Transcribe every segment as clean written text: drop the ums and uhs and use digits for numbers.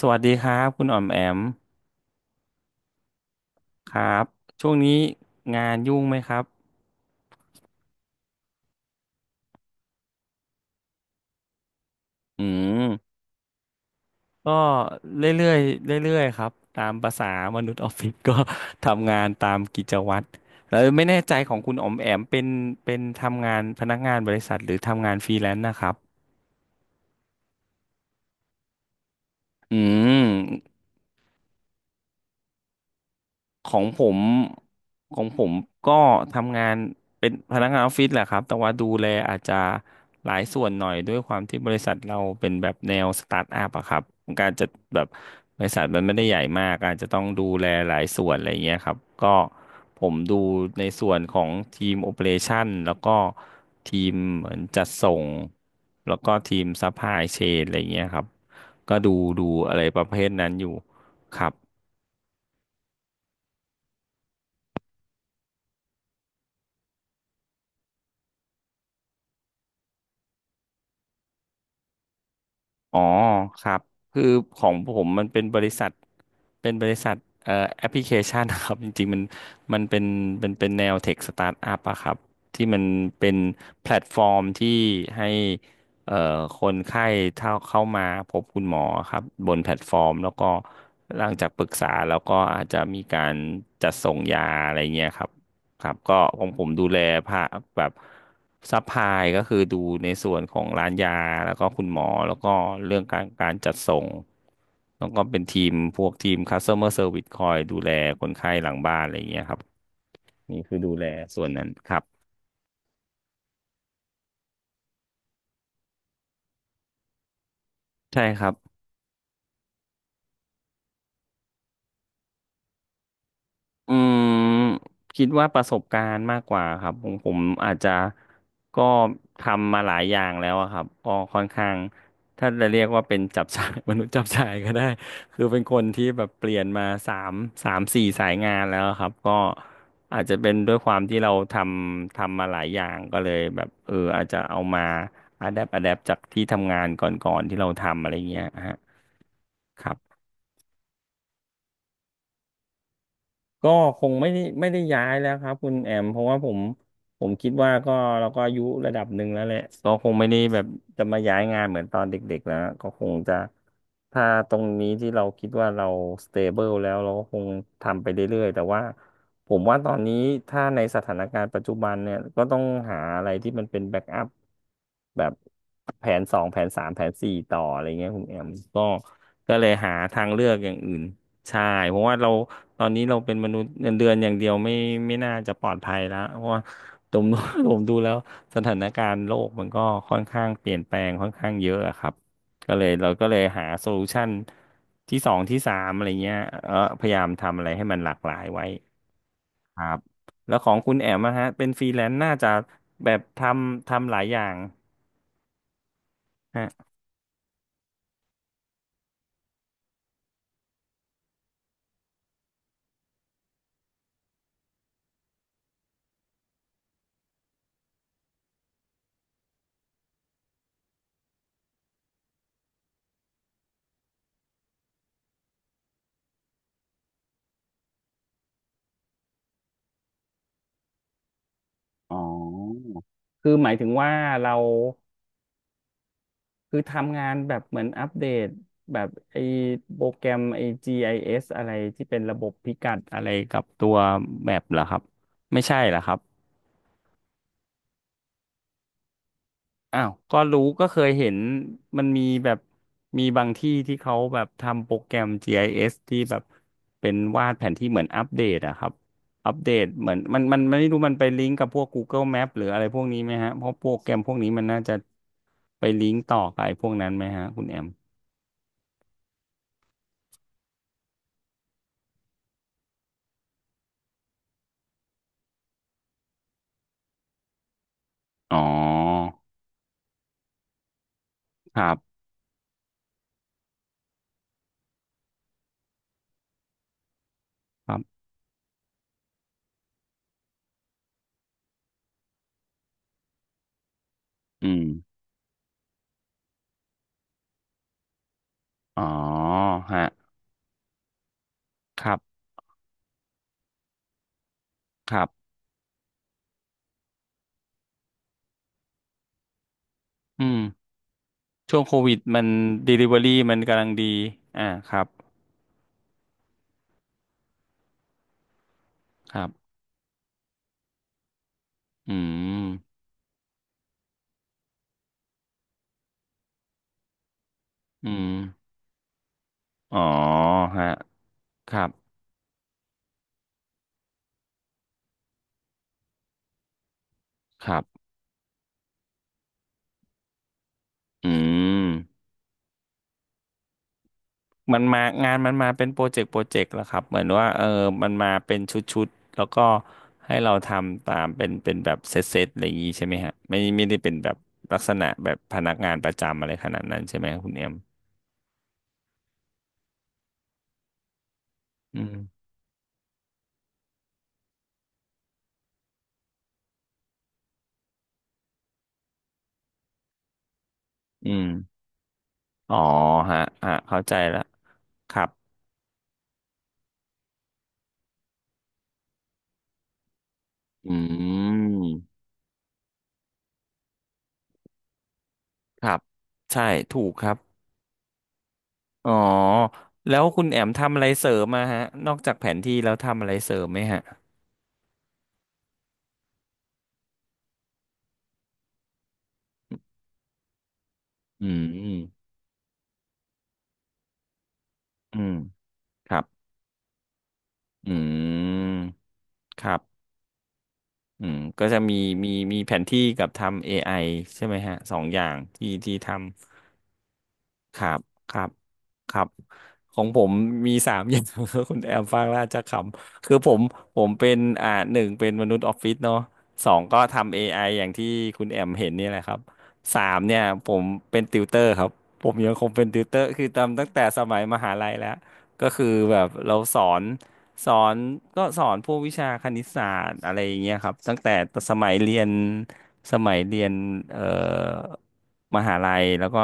สวัสดีครับคุณอ๋อมแอมครับช่วงนี้งานยุ่งไหมครับอืมก็เรื่อยๆเรื่อยๆครับตามภาษามนุษย์ออฟฟิศก็ ทำงานตามกิจวัตรแล้วไม่แน่ใจของคุณอ๋อมแอมเป็นเป็นทำงานพนักงานบริษัทหรือทำงานฟรีแลนซ์นะครับอืม ของผมของผมก็ทำงานเป็นพนักงานออฟฟิศแหละครับแต่ว่าดูแลอาจจะหลายส่วนหน่อยด้วยความที่บริษัทเราเป็นแบบแนวสตาร์ทอัพอะครับมันกาจจะแบบบริษัทมันไม่ได้ใหญ่มากอาจจะต้องดูแลหลายส่วนอะไรเงี้ยครับก็ผมดูในส่วนของทีมโอเปอเรชันแล้วก็ทีมเหมือนจัดส่งแล้วก็ทีมซัพพลายเชนอะไรเงี้ยครับก็ดูดูอะไรประเภทนั้นอยู่ครับ อ๋อครับคือของผมมันเป็นบริษัทเป็นบริษัทเอ่อแอปพลิเคชันนะครับ จริงๆมันมันเป็นเป็นแนวเทคสตาร์ทอัพอะครับที่มันเป็นแพลตฟอร์มที่ให้เอ่อคนไข้เท่าเข้ามาพบคุณหมอครับบนแพลตฟอร์มแล้วก็หลังจากปรึกษาแล้วก็อาจจะมีการจัดส่งยาอะไรเงี้ยครับ ครับก็ของผมดูแลภาคแบบซัพพลายก็คือดูในส่วนของร้านยาแล้วก็คุณหมอแล้วก็เรื่องการการจัดส่งแล้วก็เป็นทีมพวกทีม customer service คอยดูแลคนไข้หลังบ้านอะไรอย่างเงี้ยครับนี่คือดูแลส่วนนั้นครับใช่ครับ อืมคิดว่าประสบการณ์มากกว่าครับผมอาจจะก็ทำมาหลายอย่างแล้วอะครับก็ค่อนข้างถ้าจะเรียกว่าเป็นจับฉ่าย มนุษย์จับฉ่ายก็ได้ คือเป็นคนที่แบบเปลี่ยนมาสามสี่สายงานแล้วอะครับก็อาจจะเป็นด้วยความที่เราทำมาหลายอย่างก็เลยแบบเอออาจจะเอามาอะแดปจากที่ทำงานก่อนๆที่เราทำอะไรเงี้ยฮะครับ ก็คงไม่ได้ย้ายแล้วครับคุณแอมเพราะว่าผมคิดว่าก็เราก็อายุระดับหนึ่งแล้วแหละก็คงไม่ได้แบบจะมาย้ายงานเหมือนตอนเด็กๆแล้วก็คงจะถ้าตรงนี้ที่เราคิดว่าเราสเตเบิลแล้วเราก็คงทำไปเรื่อยๆแต่ว่าผมว่าตอนนี้ถ้าในสถานการณ์ปัจจุบันเนี่ยก็ต้องหาอะไรที่มันเป็นแบ็กอัพแบบแผนสองแผนสามแผนสี่ต่ออะไรเงี้ยคุณแอมก็เลยหาทางเลือกอย่างอื่น ใช่เพราะว่าเราตอนนี้เราเป็นมนุษย์เงินเดือนอย่างเดียวไม่น่าจะปลอดภัยแล้วเพราะว่าผมดู ผมดูแล้วสถานการณ์โลกมันก็ค่อนข้างเปลี่ยนแปลงค่อนข้างเยอะอะครับก็เลยเราก็เลยหาโซลูชันที่สองที่สามอะไรเงี้ยเออพยายามทำอะไรให้มันหลากหลายไว้ครับแล้วของคุณแอมนะฮะเป็นฟรีแลนซ์น่าจะแบบทำหลายอย่างฮะอ๋อคือหมายถึงว่าเรา คือทำงานแบบเหมือนอัปเดตแบบไอ้โปรแกรมไอ้ GIS อเอสอะไรที่เป็นระบบพิกัดอะไรกับตัวแมปเหรอครับไม่ใช่เหรอครับอ้าวก็รู้ก็เคยเห็นมันมีแบบมีบางที่ที่เขาแบบทำโปรแกรมจีไอเอสที่แบบเป็นวาดแผนที่เหมือนอัปเดตอะครับอัปเดตเหมือนมันไม่รู้มันไปลิงก์กับพวก Google Map หรืออะไรพวกนี้ไหมฮะเพราะโปรแกรมพวกนี้มันน่าจะไปลิงก์ต่อกับไอ้พวกนั้นไหมฮะคุณแอมอ๋อครับ ครับอืมอ๋อฮะครับครับอืมช่วงโควิดมัน Delivery มันกำลังดีอ่าครับครับ อืมอืมอ๋อฮะครับครับอืมมันมางานมันมาเป็นโปรเจกต์แล้วครับเหมือนว่าเออมันมาเป็นชุดๆแล้วก็ให้เราทำตามเป็นแบบเซตๆอะไรอย่างงี้ใช่ไหมฮะไม่ได้เป็นแบบลักษณะแบบพนักงานประจำอะไรขนาดนั้นใช่ไหมครับคุณเอ็มอืมอืม อ๋อฮะฮะเข้าใจแล้วครับอืมครับใช่ถูกครับอ๋อแล้วคุณแอมทำอะไรเสริมมาฮะนอกจากแผนที่แล้วทำอะไรเสริมไหมฮะอืมอืมครับอืมครับอืมก็จะมีมีแผนที่กับทำ AI ใช่ไหมฮะสองอย่างที่ทำ ครับครับครับของผมมีสามอย่าง คุณแอมฟังแล้วอาจจะขำคือผมเป็นหนึ่งเป็นมนุษย์ออฟฟิศเนาะสองก็ทำ AI อไออย่างที่คุณแอมเห็นนี่แหละครับสามเนี่ยผมเป็นติวเตอร์ครับผมยังคงเป็นติวเตอร์คือทำตั้งแต่สมัยมหาลัยแล้วก็คือแบบเราสอนก็สอนพวกวิชาคณิตศาสตร์อะไรอย่างเงี้ยครับตั้งแต่สมัยเรียน สมัยเรียนเอ่อมหาลัยแล้วก็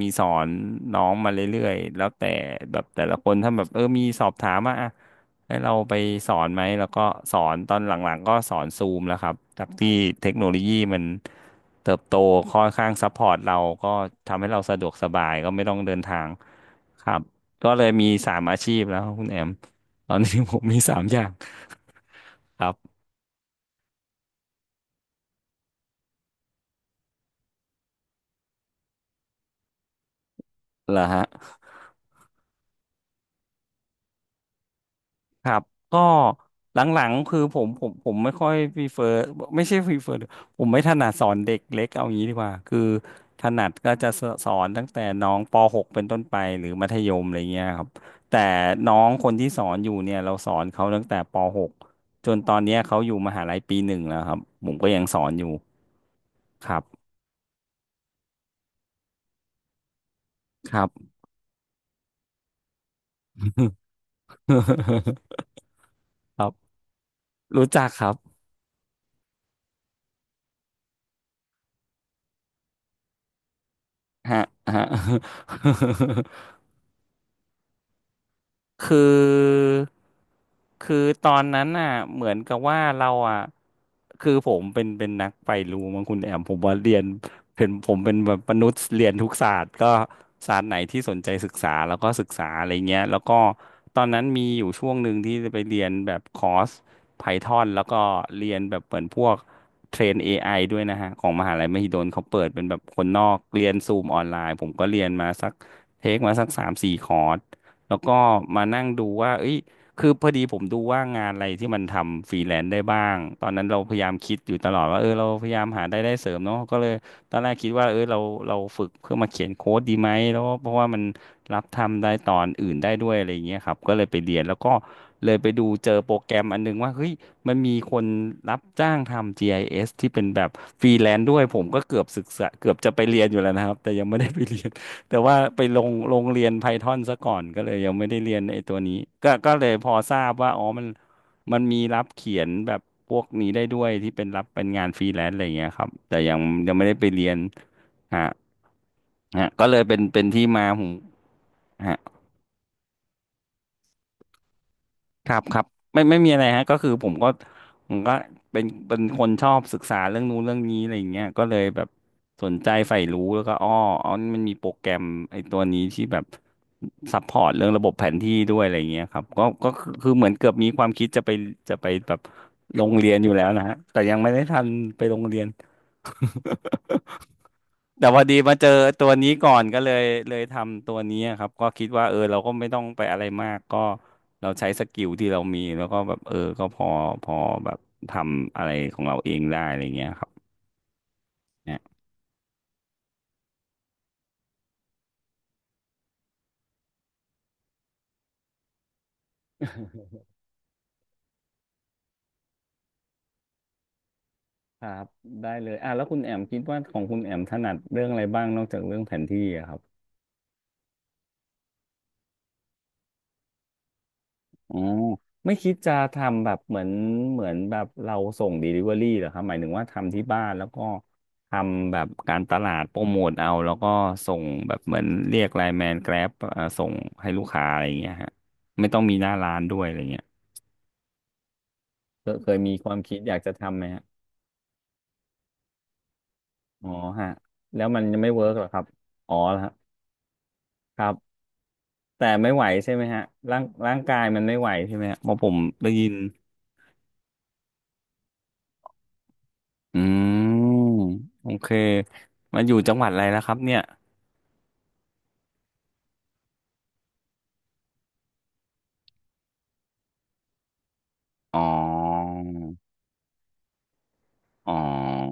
มีสอนน้องมาเรื่อยๆแล้วแต่แบบแต่ละคนถ้าแบบเออมีสอบถามมาอ่ะให้เราไปสอนไหมแล้วก็สอนตอนหลังๆก็สอนซูมแล้วครับจากที่เทคโนโลยีมันเติบโตค่อนข้างซัพพอร์ตเราก็ทำให้เราสะดวกสบายก็ไม่ต้องเดินทางครับก็เลยมีสามอาชีพแล้วคุณแอมตอนนี้ผมมีสามอย่างครับเหรอฮะ ครับก็หลังๆคือผมไม่ค่อยพีเฟอร์ไม่ใช่พีเฟอร์ผมไม่ถนัดสอนเด็กเล็กเอางี้ดีกว่าคือถนัดก็จะสสอนตั้งแต่น้องป .6 เป็นต้นไปหรือมัธยมอะไรเงี้ยครับแต่น้องคนที่สอนอยู่เนี่ยเราสอนเขาตั้งแต่ป .6 จนตอนเนี้ยเขาอยู่มหาลัยปี 1แล้วครับผมก็ยังสอนอยู่ครับครับ ครับรู้จักครับฮะฮะ คือคือตอนนั้นน่ะเหมือนกับว่าเราอ่ะคือผมเป็นนักไปรู้มั้งคุณแอมผมว่าเรียนเป็นผมเป็นแบบมนุษย์เรียนทุกศาสตร์ก็ศาสตร์ไหนที่สนใจศึกษาแล้วก็ศึกษาอะไรเงี้ยแล้วก็ตอนนั้นมีอยู่ช่วงหนึ่งที่จะไปเรียนแบบคอร์ส Python แล้วก็เรียนแบบเหมือนพวกเทรน AI ด้วยนะฮะของมหาลัยมหิดลเขาเปิดเป็นแบบคนนอกเรียนซูมออนไลน์ผมก็เรียนมาสักเทคมาสักสามสี่คอร์ส แล้วก็มานั่งดูว่าเอ้ยคือพอดีผมดูว่างานอะไรที่มันทำฟรีแลนซ์ได้บ้าง ตอนนั้นเราพยายามคิดอยู่ตลอดว่าเออเราพยายามหารายได้เสริมเนาะก็เลยตอนแรกคิดว่าเออเราเราฝึกเพื่อมาเขียนโค้ดดีไหมแล้วเพราะว่ามันรับทำได้ตอนอื่นได้ด้วยอะไรอย่างเงี้ยครับก็เลยไปเรียนแล้วก็เลยไปดูเจอโปรแกรมอันนึงว่าเฮ้ยมันมีคนรับจ้างทำ GIS ที่เป็นแบบฟรีแลนซ์ด้วยผมก็เกือบศึกษาเกือบจะไปเรียนอยู่แล้วนะครับแต่ยังไม่ได้ไปเรียน แต่ว่าไปลงเรียน Python ซะก่อนก็เลยยังไม่ได้เรียนไอ้ตัวนี้ก็เลยพอทราบว่าอ๋อมันมันมีรับเขียนแบบพวกนี้ได้ด้วยที่เป็นรับเป็นงานฟรีแลนซ์อะไรอย่างเงี้ยครับแต่ยังไม่ได้ไปเรียนฮะฮะก็เลยเป็นที่มาผมฮะ ครับครับไม่มีอะไรฮะก็คือผมก็เป็นคนชอบศึกษาเรื่องนู้นเรื่องนี้อะไรอย่างเงี้ยก็เลยแบบสนใจใฝ่รู้แล้วก็อ้ออ๋อนี่มันมีโปรแกรมไอ้ตัวนี้ที่แบบซัพพอร์ตเรื่องระบบแผนที่ด้วยอะไรอย่างเงี้ยครับก็ก็คือคือเหมือนเกือบมีความคิดจะไปแบบลงเรียนอยู่แล้วนะฮะแต่ยังไม่ได้ทันไปโรงเรียน แต่พอดีมาเจอตัวนี้ก่อนก็เลยทำตัวนี้อะครับก็คิดว่าเออเราก็ไม่ต้องไปอะไรมากก็เราใช้สกิลที่เรามีแล้วก็แบบเออก็พอแบบทำอะไรของเราเองได้อะไรเงี้ยครับเนี่ยครับได้เลยอ่ะแล้วคุณแอมคิดว่าของคุณแอมถนัดเรื่องอะไรบ้างนอกจากเรื่องแผนที่อะครับ อ๋อไม่คิดจะทำแบบเหมือนแบบเราส่ง Delivery เหรอครับหมายถึงว่าทำที่บ้านแล้วก็ทำแบบการตลาดโปรโมทเอาแล้วก็ส่งแบบเหมือนเรียกไลน์แมนแกร็บส่งให้ลูกค้าอะไรอย่างเงี้ยฮะไม่ต้องมีหน้าร้านด้วยอะไรเงี้ยเคยมีความคิดอยากจะทำไหมฮะอ๋อฮะแล้วมันยังไม่เวิร์กเหรอครับอ๋อแล้วฮะครับแต่ไม่ไหวใช่ไหมฮะร่างกายมันไม่ไหวใช่ไหมฮะเพราะผมได้ยิน อืมโอเคมาอยู่จังหวัดอะไรแล้วครับเนี่ยอ๋ออ๋อ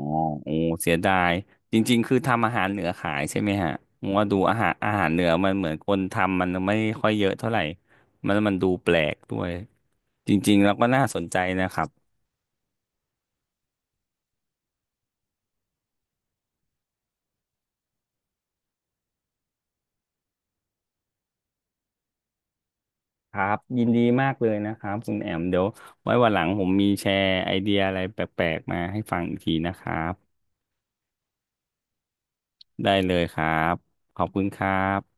โอ้เสียดายจริงๆคือทำอาหารเหนือขายใช่ไหมฮะผมว่าดูอาหารเหนือมันเหมือนคนทำมันไม่ค่อยเยอะเท่าไหร่มันดูแปลกด้วยจริงๆแล้วก็น่าสนใจนะครับครับยินดีมากเลยนะครับคุณแอมเดี๋ยวไว้วันหลังผมมีแชร์ไอเดียอะไรแปลกๆมาให้ฟังอีกทีนะครับได้เลยครับขอบคุณครับ